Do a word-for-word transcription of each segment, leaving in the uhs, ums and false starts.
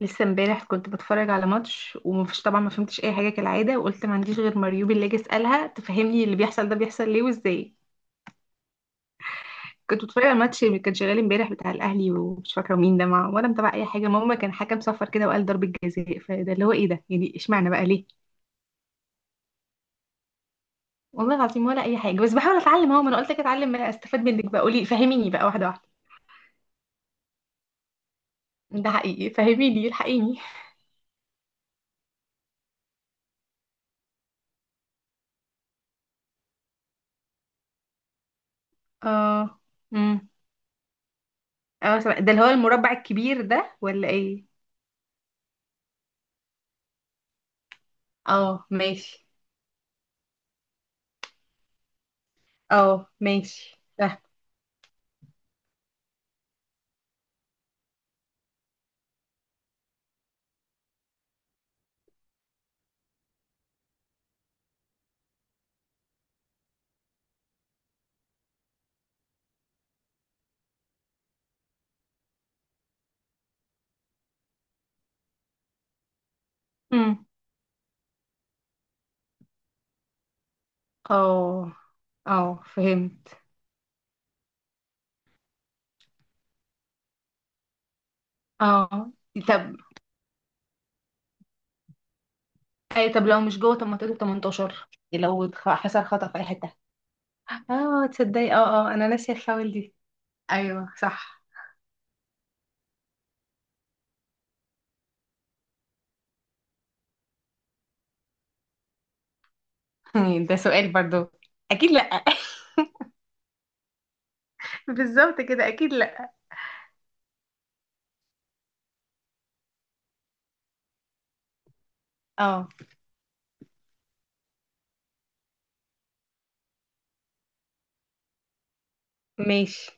لسه امبارح كنت بتفرج على ماتش، ومفيش طبعا ما فهمتش اي حاجه كالعاده، وقلت ما عنديش غير مريوبي اللي اجي اسالها تفهمني اللي بيحصل، ده بيحصل ليه وازاي؟ كنت بتفرج على ماتش اللي كان شغال امبارح بتاع الاهلي، ومش فاكره مين ده مع، ولا متابعه اي حاجه. ماما، كان حكم صفر كده وقال ضربه جزاء، فده اللي هو ايه ده يعني؟ اشمعنى بقى ليه؟ والله العظيم ولا اي حاجه، بس بحاول اتعلم اهو. ما انا قلت لك اتعلم، ما أنا استفاد منك بقى، قولي فهميني بقى واحده واحده. ده حقيقي، فهميني، الحقيني. اه. امم اه، سمع- ده اللي هو المربع الكبير ده ولا ايه؟ اه، ماشي. اه، ماشي ده. امم اه اه، فهمت. اه، طب. اي، طب لو مش جوه؟ طب ما تقولي تمنتاشر. لو اتخ- حصل خطأ في اي حتة. اه تصدقي، اه اه، انا ناسية الفاول دي. ايوه، صح. ده سؤال برضو؟ اكيد لا. بالظبط كده، اكيد لا. اه ماشي.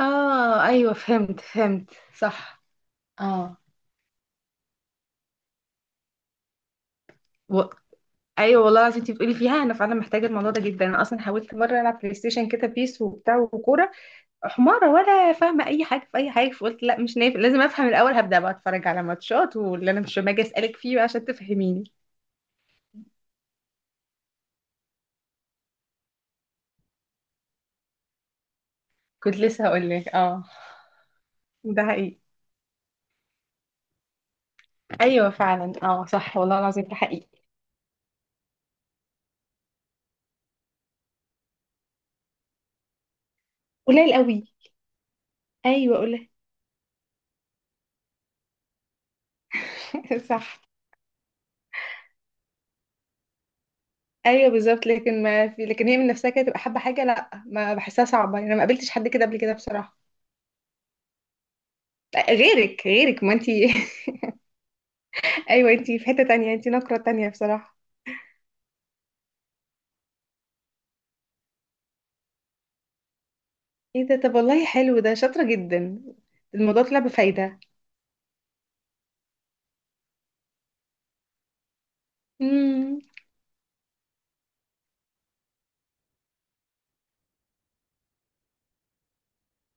اه ايوه، فهمت فهمت صح. اه. و... ايوه والله العظيم، انت بتقولي فيها انا فعلا محتاجه الموضوع ده جدا. انا اصلا حاولت مره العب بلاي ستيشن كده، بيس وبتاع وكوره. حمارة ولا فاهمة أي حاجة في أي حاجة، فقلت لا مش نافع، لازم أفهم الأول. هبدأ بقى أتفرج على ماتشات، واللي أنا مش، ما أجي أسألك فيه بقى عشان تفهميني. كنت لسه هقول لك، اه. ده حقيقي. أيوه فعلا اه، صح والله العظيم ده حقيقي. قليل قوي. أيوه، قليل. صح. أيوه بالظبط، لكن ما في لكن، هي من نفسها كده تبقى حابة حاجة، لا ما بحسها صعبة، يعني أنا ما قابلتش حد كده قبل كده بصراحة. لا، غيرك غيرك ما أنتي. أيوه، أنتي في حتة تانية، أنتي نقرة تانية بصراحة. ايه ده؟ طب والله حلو ده، شاطرة جدا. الموضوع طلع بفايدة. امم.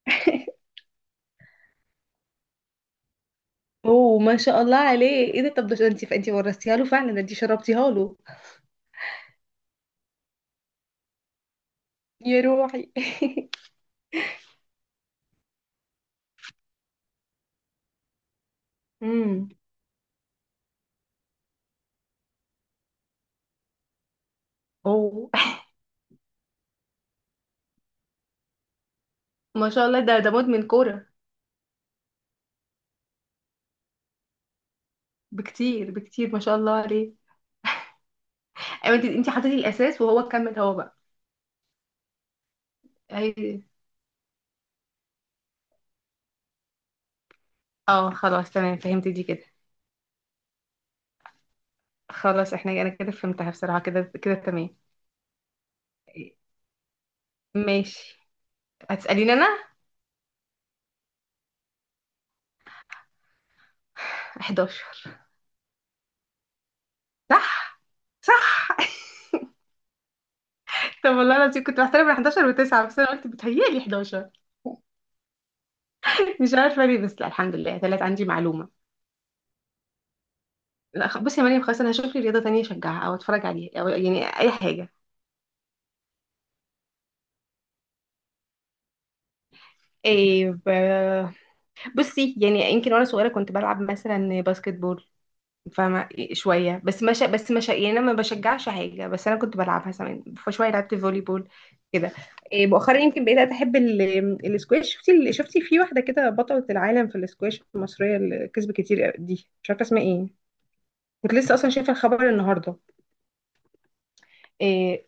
اوه، ما شاء الله عليه. ايه ده؟ طب ده انت انت ورثتيها له فعلا، ده انت شربتيها له. يا روحي. امم. اوه ما شاء الله، ده ده مدمن كوره. بكتير بكتير، ما شاء الله عليه. ايوه، انت انت حطيتي الاساس، وهو كمل هو بقى. هي. اه خلاص تمام، فهمت دي كده. خلاص احنا انا كده فهمتها بصراحه، كده كده تمام. ماشي. هتساليني انا؟ احد عشر. صح، صح. طب والله العظيم كنت بحترم ال حداشر و9، بس انا قلت بتهيألي حداشر. مش عارفه ليه، بس لا الحمد لله طلعت عندي معلومه. لا، خ- بصي يا مريم، خلاص انا هشوف لي رياضه تانية اشجعها او اتفرج عليها، او يعني اي حاجه. إيه ب- بصي يعني، يمكن وانا صغيره كنت بلعب مثلا باسكت بول. فاهمه شويه بس، ما شا... بس ما شا... يعني انا ما بشجعش حاجه، بس انا كنت بلعبها زمان، فشويه لعبت فولي بول كده. إيه، مؤخرا يمكن بقيت احب ال... السكواش. شفتي ال... شفتي في واحده كده بطله العالم في السكواش المصريه اللي كسبت كتير دي، مش عارفه اسمها ايه. كنت لسه اصلا شايفه الخبر النهارده. آه،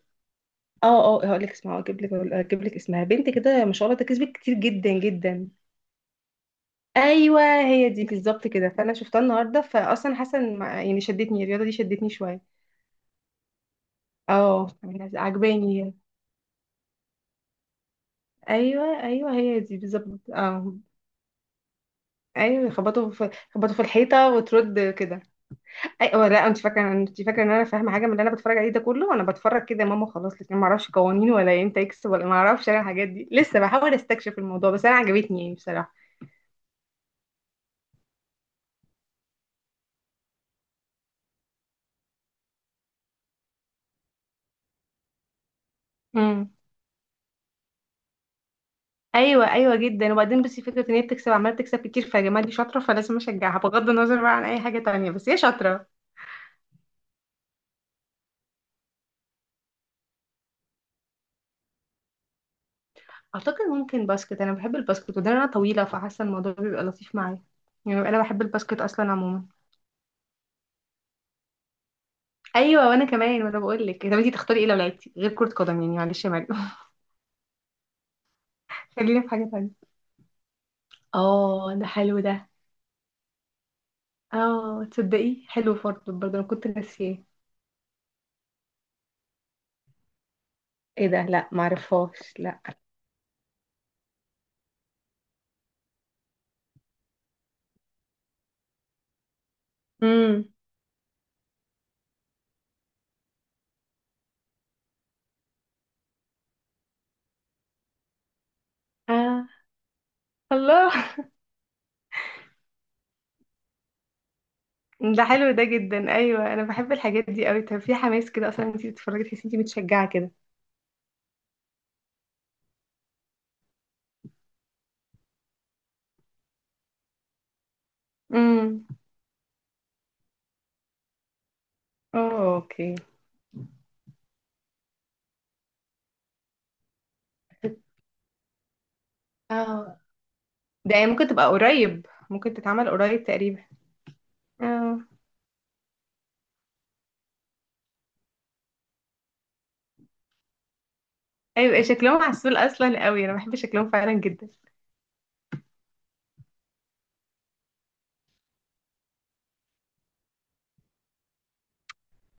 اه اه هقول لك اسمها، اجيب لك اجيب لك اسمها، بنت كده ما شاء الله تكسبت كتير جدا جدا. ايوه، هي دي بالظبط كده، فانا شفتها النهارده، فاصلا حاسه إن مع- يعني شدتني الرياضه دي، شدتني شويه. اه، عجباني. ايوه ايوه، هي دي بالظبط اه. ايوه، يخبطوا في يخبطوا في الحيطه وترد كده. ايوه لا، انت فاكره انت فاكره ان انا فاهمه حاجه من اللي انا بتفرج عليه ده كله؟ انا بتفرج كده يا ماما خلاص، لكن ما اعرفش قوانين ولا امتى يكسب، ولا ما اعرفش انا الحاجات دي، لسه بحاول استكشف الموضوع، بس انا عجبتني يعني بصراحه. امم ايوه ايوه جدا. وبعدين بس فكره ان هي بتكسب، عماله تكسب كتير، فيا جماعه دي شاطره، فلازم اشجعها بغض النظر بقى عن اي حاجه تانية، بس هي شاطره. اعتقد ممكن باسكت، انا بحب الباسكت، وده انا طويله فحاسه الموضوع بيبقى لطيف معايا. يعني انا بحب الباسكت اصلا عموما. ايوه وانا كمان، وانا بقول لك طب انتي تختاري ايه لو لعبتي غير كره قدم؟ يعني معلش يا مريم. خلينا في حاجه تانية. اه، ده حلو ده. اه تصدقي، حلو برضه برضه، انا كنت ناسياه. ايه ده؟ لا، معرفهاش، لا. امم. اه، الله. ده حلو ده جدا، ايوه انا بحب الحاجات دي قوي. طب في حماس كده اصلا انت بتتفرجي تحسي انت متشجعه كده؟ امم، اه اوكي. اه، ده يعني ممكن تبقى قريب، ممكن تتعمل قريب تقريبا. اه ايوه، إيه، شكلهم عسول اصلا قوي، انا بحب شكلهم فعلا جدا.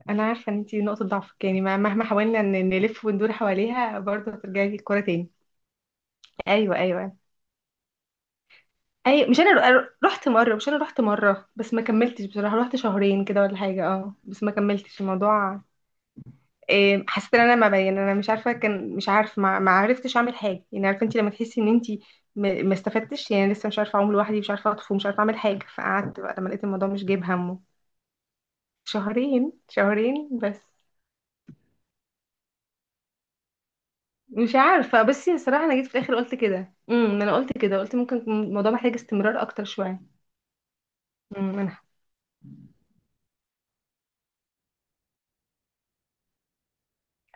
انا عارفه ان انت نقطه ضعفك، يعني ما- مهما حاولنا ن- نلف وندور حواليها، برضه هترجعي لي الكوره تاني. ايوه ايوه. ايوه مش انا رو- رحت مره، مش انا رحت مره بس ما كملتش بصراحه، رحت شهرين كده ولا حاجه، اه بس ما كملتش الموضوع. إيه، حسيت ان انا ما بين، انا مش عارفه، كان مش عارف، ما, ما عرفتش اعمل حاجه، يعني عارفه انت لما تحسي ان انت ما ما استفدتش، يعني لسه مش عارفه اعوم لوحدي، مش عارفه اطفو، مش عارفه اعمل حاجه، فقعدت بقى لما لقيت الموضوع مش جايب همه. شهرين، شهرين بس. مش عارفه، بس الصراحه انا جيت في الاخر قلت كده، امم انا قلت كده، قلت ممكن يكون الموضوع محتاج استمرار اكتر شويه. امم انا.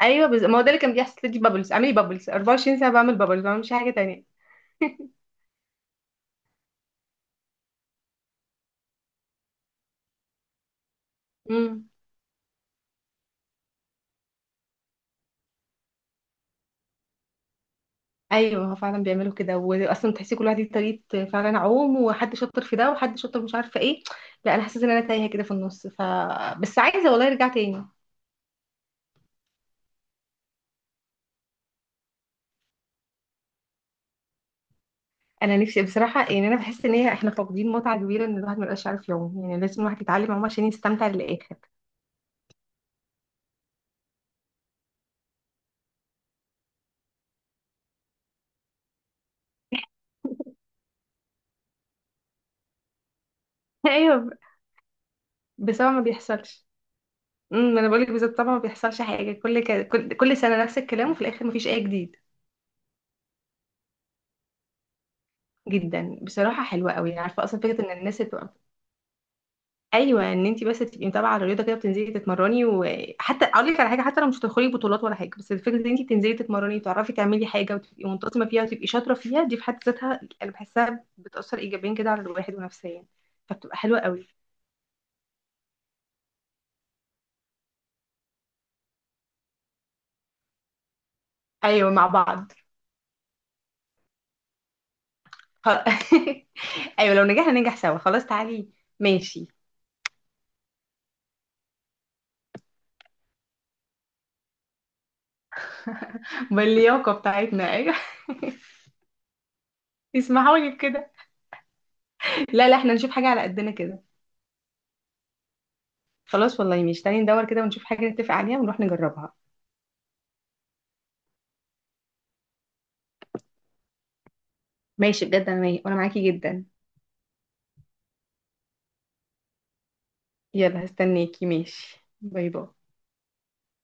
ايوه، بز... ما هو ده اللي كان بيحصل لي، بابلز اعملي بابلز اربع وعشرين ساعه، بعمل بابلز ما بعملش حاجه تانية. ايوه هو فعلا بيعملوا كده، واصلا تحسي كل واحد ليه طريقه، فعلا عوم، وحد شاطر في ده وحد شاطر مش عارفه ايه. لا انا حاسه ان انا تايهه كده في النص ف. بس عايزه والله ارجع تاني. انا نفسي بصراحه، يعني انا بحس ان هي، احنا فاقدين متعه كبيره ان الواحد ما يبقاش عارف يعوم، يعني لازم الواحد يتعلم عوم عشان يستمتع للاخر. ايوه، بس طبعا ما بيحصلش. امم، انا بقول لك بالظبط، طبعا ما بيحصلش حاجه، كل ك... كل كل سنه نفس الكلام، وفي الاخر ما فيش اي جديد. جدا بصراحه، حلوه قوي يعني، عارفه اصلا فكره ان الناس. ايوه، ان انت بس تبقي متابعه على الرياضه كده، بتنزلي تتمرني، وحتى اقول لك على حاجه، حتى لو مش هتدخلي بطولات ولا حاجه، بس الفكره ان انت تنزلي تتمرني وتعرفي تعملي حاجه، وتبقي منتظمه فيها، وتبقي شاطره فيها، دي في حد ذاتها انا بحسها بتاثر ايجابيا كده على الواحد ونفسيا. فبتبقى حلوه قوي. ايوه، مع بعض. خ- ايوه، لو نجحنا ننجح سوا، خلاص تعالي. ماشي. باللياقه بتاعتنا، ايوه. اسمحوا لي بكده. لا لا، احنا نشوف حاجه على قدنا كده. خلاص والله ماشي، تعالي ندور كده ونشوف حاجه نتفق عليها ونروح نجربها. ماشي بجد، انا وانا معاكي جدا. يلا هستناكي، ماشي، باي باي.